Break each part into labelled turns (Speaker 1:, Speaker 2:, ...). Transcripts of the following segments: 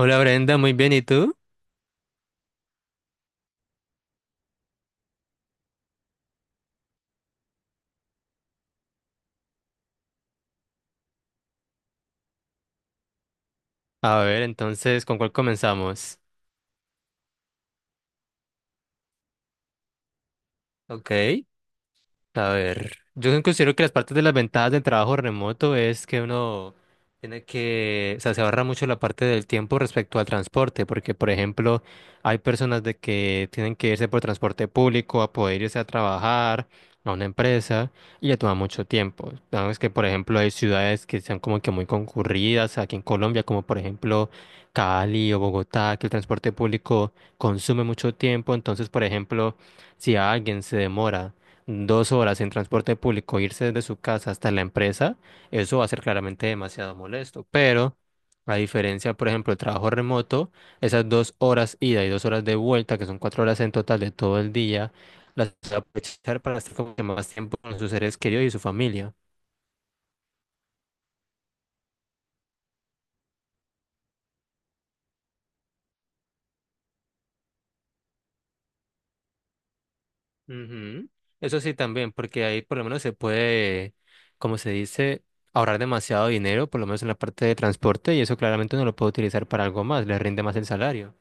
Speaker 1: Hola Brenda, muy bien, ¿y tú? A ver, entonces, ¿con cuál comenzamos? Ok. A ver, yo considero que las partes de las ventajas del trabajo remoto es que uno tiene que, o sea, se ahorra mucho la parte del tiempo respecto al transporte, porque por ejemplo, hay personas de que tienen que irse por transporte público a poder irse a trabajar a una empresa y le toma mucho tiempo. Sabes que por ejemplo hay ciudades que sean como que muy concurridas aquí en Colombia, como por ejemplo Cali o Bogotá, que el transporte público consume mucho tiempo, entonces por ejemplo, si alguien se demora dos horas en transporte público, irse desde su casa hasta la empresa, eso va a ser claramente demasiado molesto. Pero, a diferencia, por ejemplo, del trabajo remoto, esas dos horas ida y dos horas de vuelta, que son cuatro horas en total de todo el día, las va a aprovechar para estar como que más tiempo con sus seres queridos y su familia. Ujú. Eso sí también, porque ahí por lo menos se puede, como se dice, ahorrar demasiado dinero, por lo menos en la parte de transporte, y eso claramente uno lo puede utilizar para algo más, le rinde más el salario.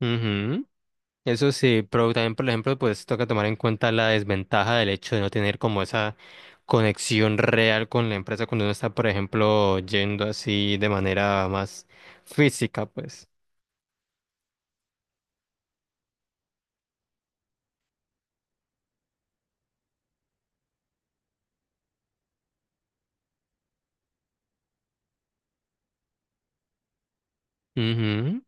Speaker 1: Ujú. Eso sí, pero también, por ejemplo, pues toca tomar en cuenta la desventaja del hecho de no tener como esa conexión real con la empresa cuando uno está, por ejemplo, yendo así de manera más física, pues. Ujú.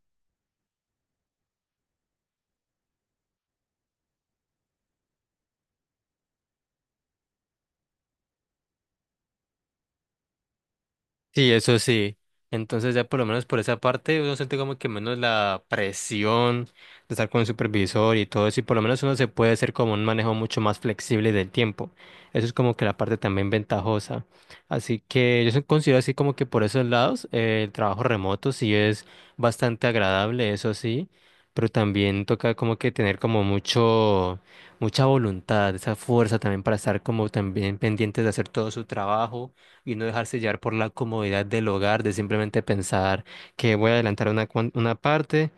Speaker 1: Sí, eso sí. Entonces ya por lo menos por esa parte uno siente como que menos la presión de estar con el supervisor y todo eso y por lo menos uno se puede hacer como un manejo mucho más flexible del tiempo. Eso es como que la parte también ventajosa. Así que yo considero así como que por esos lados el trabajo remoto sí es bastante agradable, eso sí, pero también toca como que tener como mucha voluntad, esa fuerza también para estar como también pendientes de hacer todo su trabajo y no dejarse llevar por la comodidad del hogar, de simplemente pensar que voy a adelantar una parte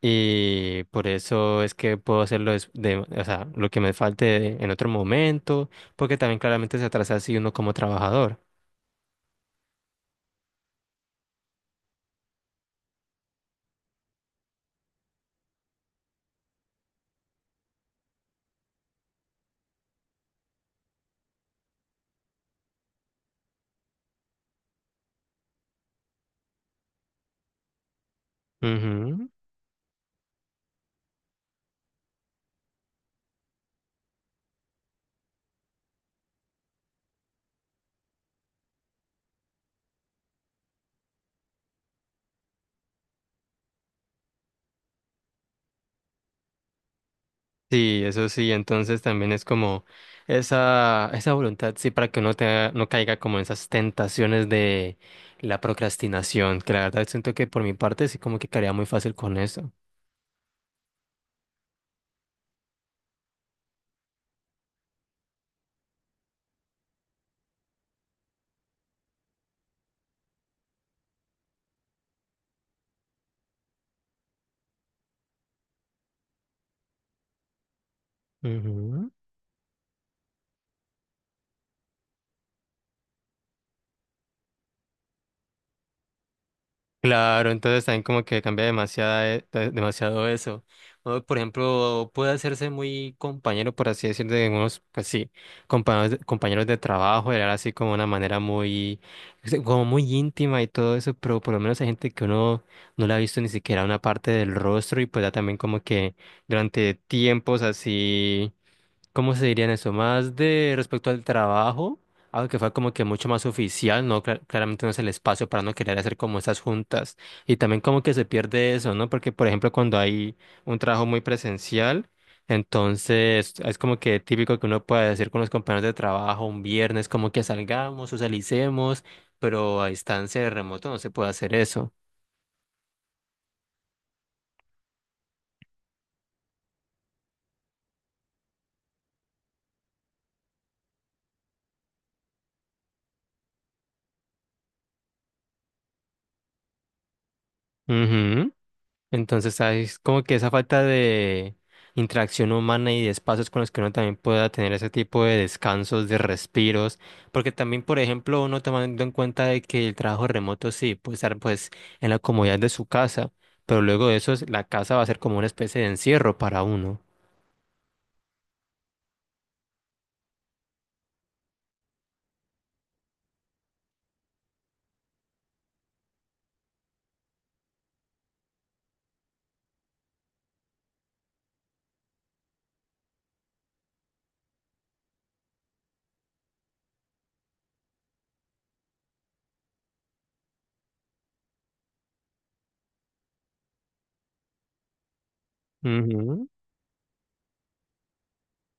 Speaker 1: y por eso es que puedo hacerlo des- de, o sea, lo que me falte en otro momento, porque también claramente se atrasa así uno como trabajador. Ujú. Sí, eso sí, entonces también es como esa voluntad, sí, para que no caiga como en esas tentaciones de la procrastinación, que la verdad siento que por mi parte sí como que caería muy fácil con eso. Ujú. Claro, entonces también como que cambia demasiado eso. O, por ejemplo, puede hacerse muy compañero, por así decirlo, de unos, pues sí, compañeros de trabajo, era así como una manera muy, sí, como muy íntima y todo eso, pero por lo menos hay gente que uno no le ha visto ni siquiera una parte del rostro y pues ya también como que durante tiempos así. ¿Cómo se diría en eso? Más de respecto al trabajo, algo que fue como que mucho más oficial, ¿no? Claramente no es el espacio para no querer hacer como esas juntas. Y también como que se pierde eso, ¿no? Porque, por ejemplo, cuando hay un trabajo muy presencial, entonces es como que típico que uno puede decir con los compañeros de trabajo un viernes, como que salgamos, socialicemos, pero a distancia de remoto no se puede hacer eso. Ujú. Entonces, es como que esa falta de interacción humana y de espacios con los que uno también pueda tener ese tipo de descansos, de respiros, porque también, por ejemplo, uno tomando en cuenta de que el trabajo remoto sí puede estar pues en la comodidad de su casa, pero luego de eso la casa va a ser como una especie de encierro para uno.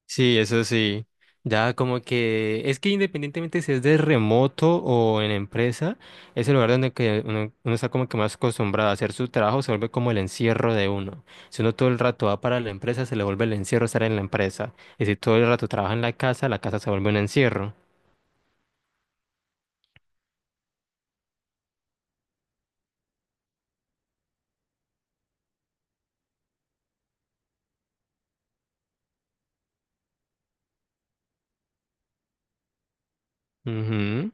Speaker 1: Sí, eso sí. Ya como que es que independientemente si es de remoto o en empresa, es el lugar donde que uno está como que más acostumbrado a hacer su trabajo, se vuelve como el encierro de uno. Si uno todo el rato va para la empresa, se le vuelve el encierro estar en la empresa. Y si todo el rato trabaja en la casa se vuelve un encierro. Ujú,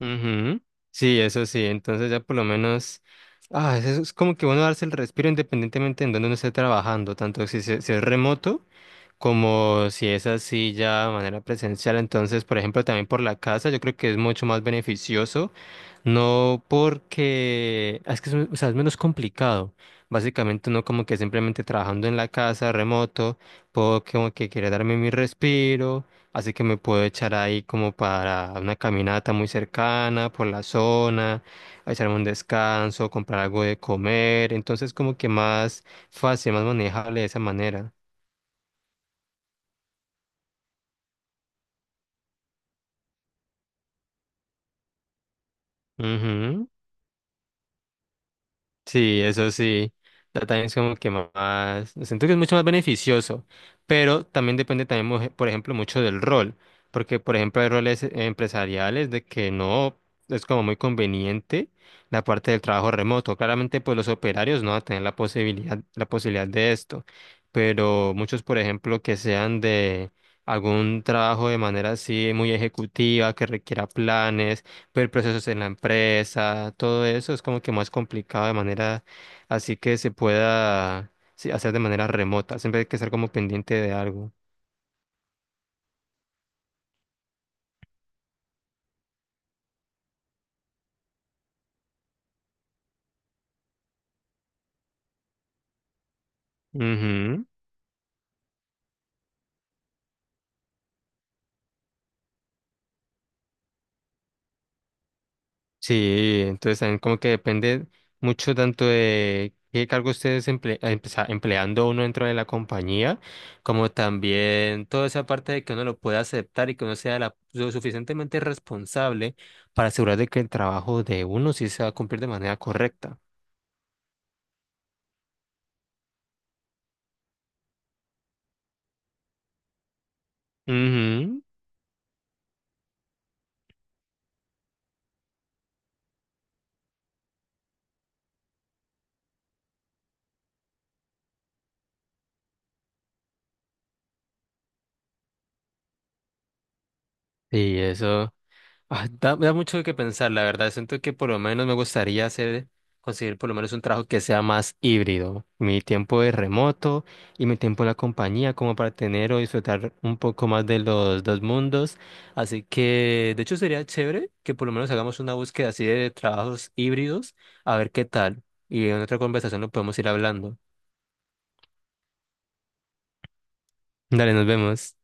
Speaker 1: ujú. Sí, eso sí. Entonces ya por lo menos... Ah, eso es como que bueno darse el respiro independientemente en donde uno esté trabajando, tanto si es remoto. Como si es así ya de manera presencial, entonces, por ejemplo, también por la casa, yo creo que es mucho más beneficioso, no porque, ah, es que es, o sea, es menos complicado. Básicamente uno como que simplemente trabajando en la casa, remoto, puedo como que quiere darme mi respiro, así que me puedo echar ahí como para una caminata muy cercana por la zona, a echarme un descanso, comprar algo de comer, entonces como que más fácil, más manejable de esa manera. Ujú. Sí, eso sí. También es como que más, siento que es mucho más beneficioso, pero también depende también, por ejemplo, mucho del rol, porque, por ejemplo, hay roles empresariales de que no es como muy conveniente la parte del trabajo remoto. Claramente, pues los operarios no van a tener la posibilidad de esto, pero muchos, por ejemplo, que sean de algún trabajo de manera así muy ejecutiva, que requiera planes el proceso en la empresa, todo eso es como que más complicado de manera así que se pueda sí, hacer de manera remota. Siempre hay que estar como pendiente de algo. Ujú. Sí, entonces también como que depende mucho tanto de qué cargo ustedes pues, empleando uno dentro de la compañía, como también toda esa parte de que uno lo pueda aceptar y que uno sea lo suficientemente responsable para asegurar de que el trabajo de uno sí se va a cumplir de manera correcta. Ujú. Y eso da mucho que pensar, la verdad. Siento que por lo menos me gustaría hacer, conseguir por lo menos un trabajo que sea más híbrido. Mi tiempo de remoto y mi tiempo en la compañía, como para tener o disfrutar un poco más de los dos mundos. Así que, de hecho, sería chévere que por lo menos hagamos una búsqueda así de trabajos híbridos, a ver qué tal. Y en otra conversación lo podemos ir hablando. Dale, nos vemos.